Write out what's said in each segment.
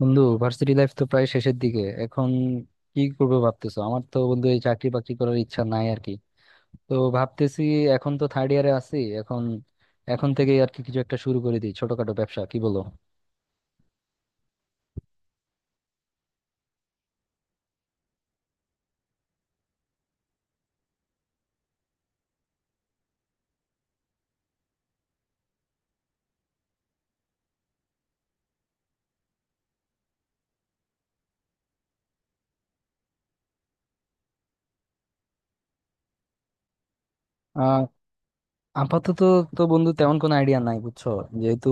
বন্ধু, varsity life তো প্রায় শেষের দিকে এখন। কি করবো ভাবতেছো? আমার তো বন্ধু এই চাকরি বাকরি করার ইচ্ছা নাই আর কি। তো ভাবতেছি, এখন তো থার্ড ইয়ারে আছি এখন এখন থেকে আর কি কিছু একটা শুরু করে দিই ছোটখাটো ব্যবসা, কি বলো? আপাতত তো বন্ধু তেমন কোনো আইডিয়া নাই বুঝছো। যেহেতু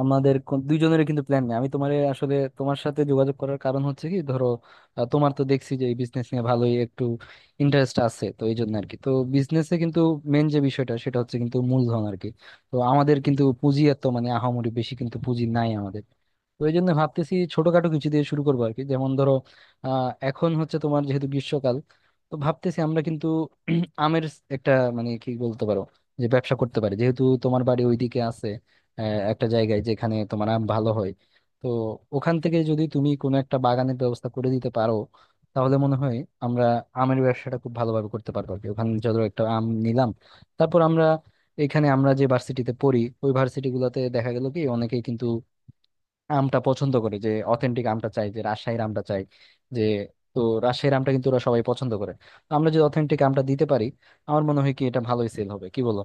আমাদের দুইজনেরই কিন্তু প্ল্যান নেই, আমি তোমার আসলে তোমার সাথে যোগাযোগ করার কারণ হচ্ছে কি, ধরো তোমার তো দেখছি যে এই বিজনেস নিয়ে ভালোই একটু ইন্টারেস্ট আছে, তো এই জন্য আর কি। তো বিজনেসে কিন্তু মেন যে বিষয়টা সেটা হচ্ছে কিন্তু মূলধন আর কি। তো আমাদের কিন্তু পুঁজি এত মানে আহামরি বেশি কিন্তু পুঁজি নাই আমাদের। তো এই জন্য ভাবতেছি ছোটখাটো কিছু দিয়ে শুরু করবো আর কি, যেমন ধরো আহ এখন হচ্ছে তোমার যেহেতু গ্রীষ্মকাল, তো ভাবতেছি আমরা কিন্তু আমের একটা, মানে কি বলতে পারো যে ব্যবসা করতে পারে, যেহেতু তোমার বাড়ি ওইদিকে আছে, একটা জায়গায় যেখানে তোমার আম ভালো হয়। তো ওখান থেকে যদি তুমি কোনো একটা বাগানের ব্যবস্থা করে দিতে পারো, তাহলে মনে হয় আমরা আমের ব্যবসাটা খুব ভালোভাবে করতে পারবো আর কি। ওখানে ধরো একটা আম নিলাম, তারপর আমরা এখানে আমরা যে ভার্সিটিতে পড়ি, ওই ভার্সিটি গুলোতে দেখা গেল কি অনেকেই কিন্তু আমটা পছন্দ করে, যে অথেন্টিক আমটা চাই, যে রাজশাহীর আমটা চাই যে। তো রাজশাহীর আমটা কিন্তু ওরা সবাই পছন্দ করে। তো আমরা যদি অথেন্টিক আমটা দিতে পারি, আমার মনে হয় কি এটা ভালোই সেল হবে, কি বলো?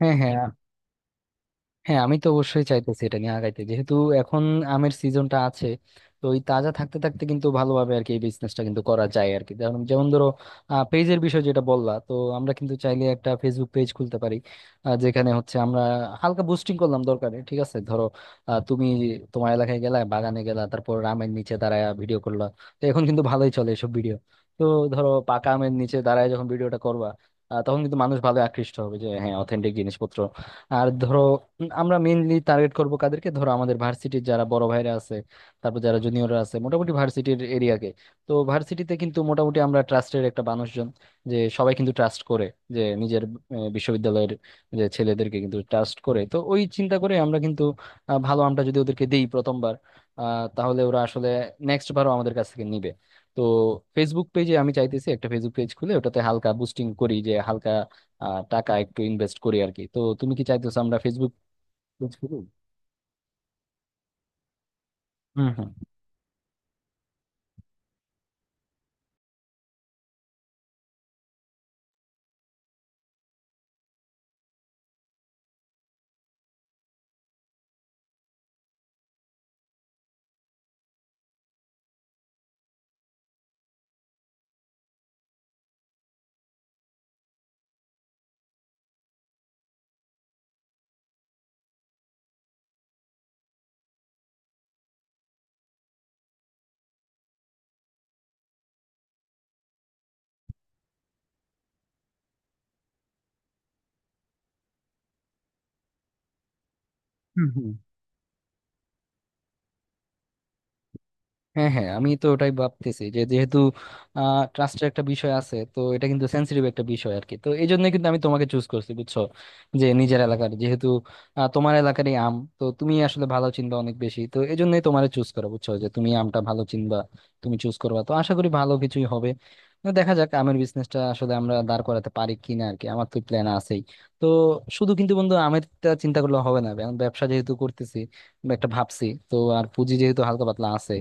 হ্যাঁ হ্যাঁ হ্যাঁ, আমি তো অবশ্যই চাইতেছি এটা নিয়ে আগাইতে, যেহেতু এখন আমের সিজনটা আছে। তো ওই তাজা থাকতে থাকতে কিন্তু ভালোভাবে আর কি এই বিজনেসটা কিন্তু করা যায় আর কি, যেমন যেমন ধরো পেজের বিষয় যেটা বললা, তো আমরা কিন্তু চাইলে একটা ফেসবুক পেজ খুলতে পারি, যেখানে হচ্ছে আমরা হালকা বুস্টিং করলাম দরকারে, ঠিক আছে? ধরো তুমি তোমার এলাকায় গেলা, বাগানে গেলা, তারপর আমের নিচে দাঁড়ায় ভিডিও করলা। তো এখন কিন্তু ভালোই চলে এসব ভিডিও। তো ধরো পাকা আমের নিচে দাঁড়ায় যখন ভিডিওটা করবা, তখন কিন্তু মানুষ ভালো আকৃষ্ট হবে যে হ্যাঁ অথেন্টিক জিনিসপত্র। আর ধরো আমরা মেইনলি টার্গেট করব কাদেরকে, ধরো আমাদের ভার্সিটির যারা বড় ভাইরা আছে, তারপর যারা জুনিয়ররা আছে, মোটামুটি ভার্সিটির এরিয়াকে। তো ভার্সিটিতে কিন্তু মোটামুটি আমরা ট্রাস্টের একটা মানুষজন, যে সবাই কিন্তু ট্রাস্ট করে যে নিজের বিশ্ববিদ্যালয়ের যে ছেলেদেরকে কিন্তু ট্রাস্ট করে। তো ওই চিন্তা করে আমরা কিন্তু ভালো আমটা যদি ওদেরকে দেই প্রথমবার, তাহলে ওরা আসলে নেক্সট বারও আমাদের কাছ থেকে নিবে। তো ফেসবুক পেজে আমি চাইতেছি একটা ফেসবুক পেজ খুলে ওটাতে হালকা বুস্টিং করি, যে হালকা টাকা একটু ইনভেস্ট করি আর কি। তো তুমি কি চাইতেছো আমরা ফেসবুক বুঝলি? হুম হুম। হুম হুম। হ্যাঁ হ্যাঁ, আমি তো ওটাই ভাবতেছি যে যেহেতু ট্রাস্টের একটা বিষয় আছে, তো এটা কিন্তু সেন্সিটিভ একটা বিষয় আর কি। তো এই জন্য কিন্তু আমি তোমাকে চুজ করছি বুঝছো, যে নিজের এলাকার যেহেতু তোমার এলাকারই আম, তো তুমি আসলে ভালো চিনবা অনেক বেশি, তো এই জন্যই তোমার চুজ করা বুঝছো, যে তুমি আমটা ভালো চিনবা, তুমি চুজ করবা, তো আশা করি ভালো কিছুই হবে। তো দেখা যাক আমের বিজনেসটা আসলে আমরা দাঁড় করাতে পারি কিনা আর কি, আমার তো প্ল্যান আছেই। তো শুধু কিন্তু বন্ধু আমেরটা চিন্তা করলে হবে না, কারণ ব্যবসা যেহেতু করতেছি বা একটা ভাবছি, তো আর পুঁজি যেহেতু হালকা পাতলা আছে,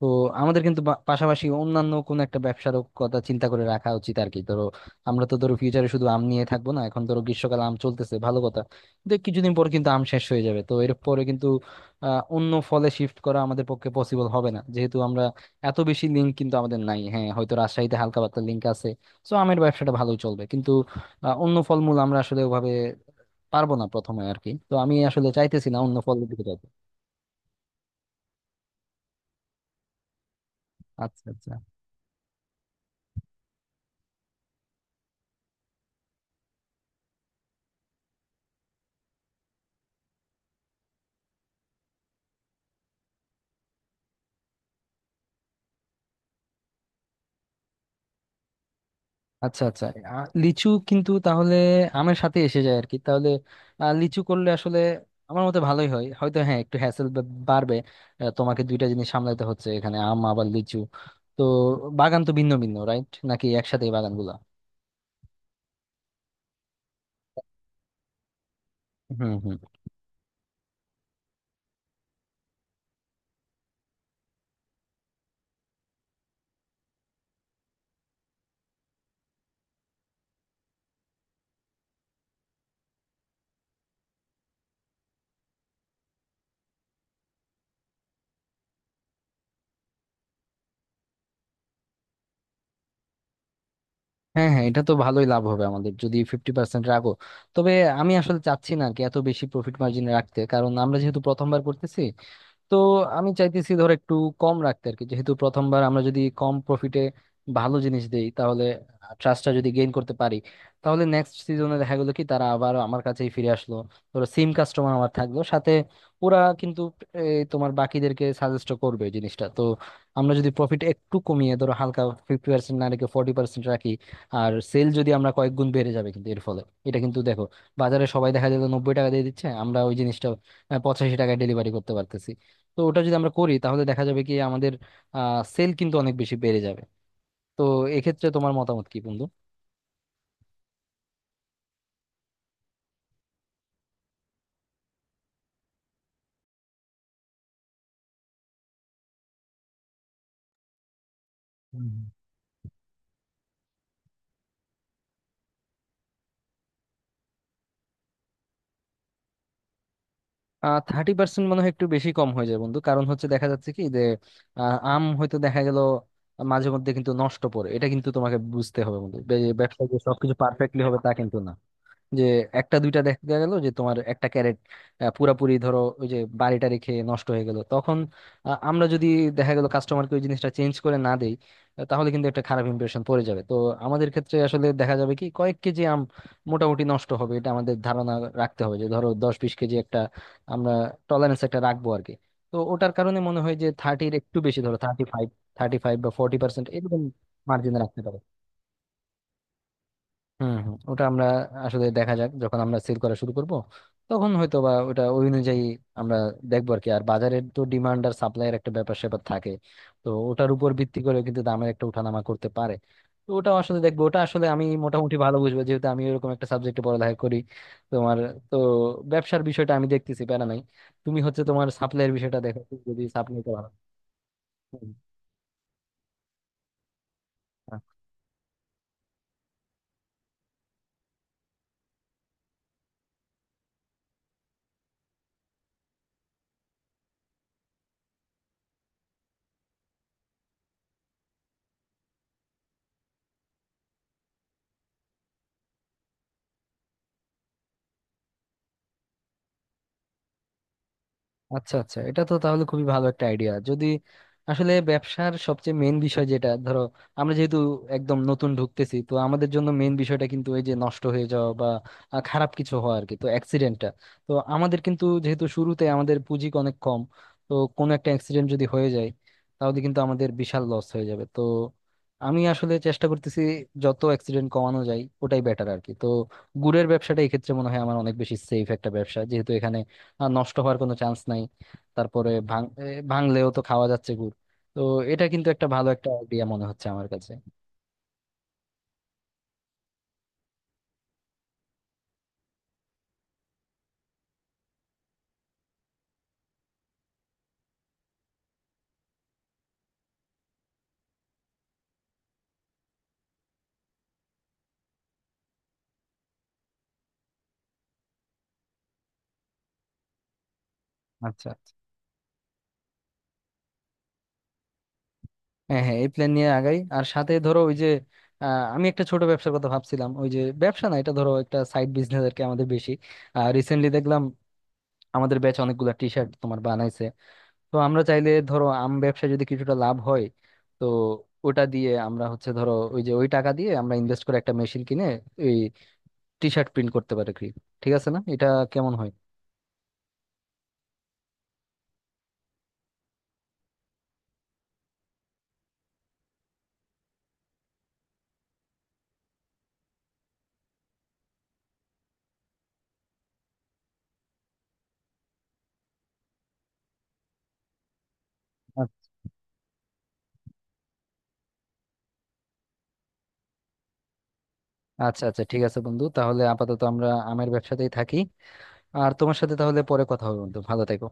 তো আমাদের কিন্তু পাশাপাশি অন্যান্য কোন একটা ব্যবসারও কথা চিন্তা করে রাখা উচিত আর কি। ধরো আমরা তো ধরো ফিউচারে শুধু আম নিয়ে থাকবো না, এখন ধরো গ্রীষ্মকালে আম চলতেছে, ভালো কথা, কিন্তু কিছুদিন পর কিন্তু আম শেষ হয়ে যাবে। তো এর পরে কিন্তু অন্য ফলে শিফট করা আমাদের পক্ষে পসিবল হবে না, যেহেতু আমরা এত বেশি লিঙ্ক কিন্তু আমাদের নাই, হ্যাঁ হয়তো রাজশাহীতে হালকা পাতলা লিঙ্ক আছে, তো আমের ব্যবসাটা ভালোই চলবে, কিন্তু অন্য ফলমূল আমরা আসলে ওভাবে পারবো না প্রথমে আর কি। তো আমি আসলে চাইতেছি না অন্য ফলের দিকে যাইতে। আচ্ছা আচ্ছা। আচ্ছা আচ্ছা। আ- লিচু কিন্তু তাহলে আমের সাথে এসে যায় আর কি। তাহলে লিচু করলে আসলে আমার মতে ভালোই হয়, হয়তো হ্যাঁ একটু হ্যাসেল বাড়বে। তোমাকে দুইটা জিনিস সামলাইতে হচ্ছে এখানে, আম আবার লিচু। তো বাগান তো ভিন্ন ভিন্ন, রাইট? নাকি একসাথে বাগানগুলা? হুম হুম। হ্যাঁ হ্যাঁ, এটা তো ভালোই লাভ হবে আমাদের যদি 50% রাখো। তবে আমি আসলে চাচ্ছি না আর কি এত বেশি প্রফিট মার্জিন রাখতে, কারণ আমরা যেহেতু প্রথমবার করতেছি। তো আমি চাইতেছি ধর একটু কম রাখতে আর কি। যেহেতু প্রথমবার, আমরা যদি কম প্রফিটে ভালো জিনিস দেই তাহলে ট্রাস্টটা যদি গেইন করতে পারি, তাহলে নেক্সট সিজনে দেখা গেলো কি তারা আবার আমার কাছেই ফিরে আসলো, ধরো সিম কাস্টমার আমার থাকলো সাথে। ওরা কিন্তু তোমার বাকিদেরকে সাজেস্ট করবে জিনিসটা। তো আমরা যদি প্রফিট একটু কমিয়ে ধরো হালকা, 50% না রেখে 40% রাখি, আর সেল যদি আমরা কয়েক গুণ বেড়ে যাবে কিন্তু এর ফলে। এটা কিন্তু দেখো, বাজারে সবাই দেখা যায় 90 টাকা দিয়ে দিচ্ছে, আমরা ওই জিনিসটা 85 টাকায় ডেলিভারি করতে পারতেছি। তো ওটা যদি আমরা করি তাহলে দেখা যাবে কি আমাদের আহ সেল কিন্তু অনেক বেশি বেড়ে যাবে। তো এক্ষেত্রে তোমার মতামত কি বন্ধু? হুম। আহ, 30% মনে হয় একটু বেশি কম হয়ে যায় বন্ধু, কারণ হচ্ছে দেখা যাচ্ছে কি যে আম হয়তো দেখা গেল মাঝে মধ্যে কিন্তু নষ্ট পড়ে, এটা কিন্তু তোমাকে বুঝতে হবে বন্ধু। ব্যবসায় যে সবকিছু পারফেক্টলি হবে তা কিন্তু না। যে একটা দুইটা দেখা গেল যে তোমার একটা ক্যারেট পুরাপুরি ধরো ওই যে বাড়িটা রেখে নষ্ট হয়ে গেল তখন, আমরা যদি দেখা গেল কাস্টমারকে ওই জিনিসটা চেঞ্জ করে না দেই, তাহলে কিন্তু একটা খারাপ ইমপ্রেশন পড়ে যাবে। তো আমাদের ক্ষেত্রে আসলে দেখা যাবে কি কয়েক কেজি আম মোটামুটি নষ্ট হবে, এটা আমাদের ধারণা রাখতে হবে যে ধরো দশ বিশ কেজি একটা আমরা টলারেন্স একটা রাখবো আর কি। তো ওটার কারণে মনে হয় যে থার্টির একটু বেশি, ধরো 35, থার্টি ফাইভ বা 40% এরকম মার্জিন রাখতে পারে। হুম হুম, ওটা আমরা আসলে দেখা যাক যখন আমরা সেল করা শুরু করব, তখন হয়তো বা ওটা ওই অনুযায়ী আমরা দেখবো আর কি। আর বাজারের তো ডিমান্ড আর সাপ্লাইয়ের একটা ব্যাপার স্যাপার থাকে, তো ওটার উপর ভিত্তি করে কিন্তু দামের একটা উঠানামা করতে পারে। তো ওটা আসলে দেখবো, ওটা আসলে আমি মোটামুটি ভালো বুঝবো যেহেতু আমি ওরকম একটা সাবজেক্টে পড়ালেখা করি। তোমার তো ব্যবসার বিষয়টা আমি দেখতেছি প্যারা নাই, তুমি হচ্ছে তোমার সাপ্লাইয়ের বিষয়টা দেখো, তুমি যদি সাপ্লাই করা হয়। আচ্ছা আচ্ছা, এটা তো তাহলে খুবই ভালো একটা আইডিয়া। যদি আসলে ব্যবসার সবচেয়ে মেন বিষয় যেটা, ধরো আমরা যেহেতু একদম নতুন ঢুকতেছি, তো আমাদের জন্য মেন বিষয়টা কিন্তু এই যে নষ্ট হয়ে যাওয়া বা খারাপ কিছু হওয়া আর কি, তো অ্যাক্সিডেন্টটা। তো আমাদের কিন্তু যেহেতু শুরুতে আমাদের পুঁজি অনেক কম, তো কোনো একটা অ্যাক্সিডেন্ট যদি হয়ে যায় তাহলে কিন্তু আমাদের বিশাল লস হয়ে যাবে। তো আমি আসলে চেষ্টা করতেছি যত অ্যাক্সিডেন্ট কমানো যায় ওটাই বেটার আর কি। তো গুড়ের ব্যবসাটা এই ক্ষেত্রে মনে হয় আমার অনেক বেশি সেফ একটা ব্যবসা, যেহেতু এখানে আর নষ্ট হওয়ার কোনো চান্স নাই। তারপরে ভাঙলেও তো খাওয়া যাচ্ছে গুড়। তো এটা কিন্তু একটা ভালো একটা আইডিয়া মনে হচ্ছে আমার কাছে। আচ্ছা আচ্ছা। হ্যাঁ হ্যাঁ, এই প্ল্যান নিয়ে আগাই। আর সাথে ধরো ওই যে আমি একটা ছোট ব্যবসার কথা ভাবছিলাম, ওই যে ব্যবসা না, এটা ধরো একটা সাইড বিজনেস আর কি আমাদের বেশি। রিসেন্টলি দেখলাম আমাদের ব্যাচ অনেকগুলা টি শার্ট তোমার বানাইছে। তো আমরা চাইলে ধরো আম ব্যবসায় যদি কিছুটা লাভ হয়, তো ওটা দিয়ে আমরা হচ্ছে ধরো ওই যে ওই টাকা দিয়ে আমরা ইনভেস্ট করে একটা মেশিন কিনে ওই টি শার্ট প্রিন্ট করতে পারে কি? ঠিক আছে না? এটা কেমন হয়? আচ্ছা আচ্ছা, ঠিক আছে বন্ধু, তাহলে আপাতত আমরা আমের ব্যবসাতেই থাকি। আর তোমার সাথে তাহলে পরে কথা হবে বন্ধু, ভালো থেকো।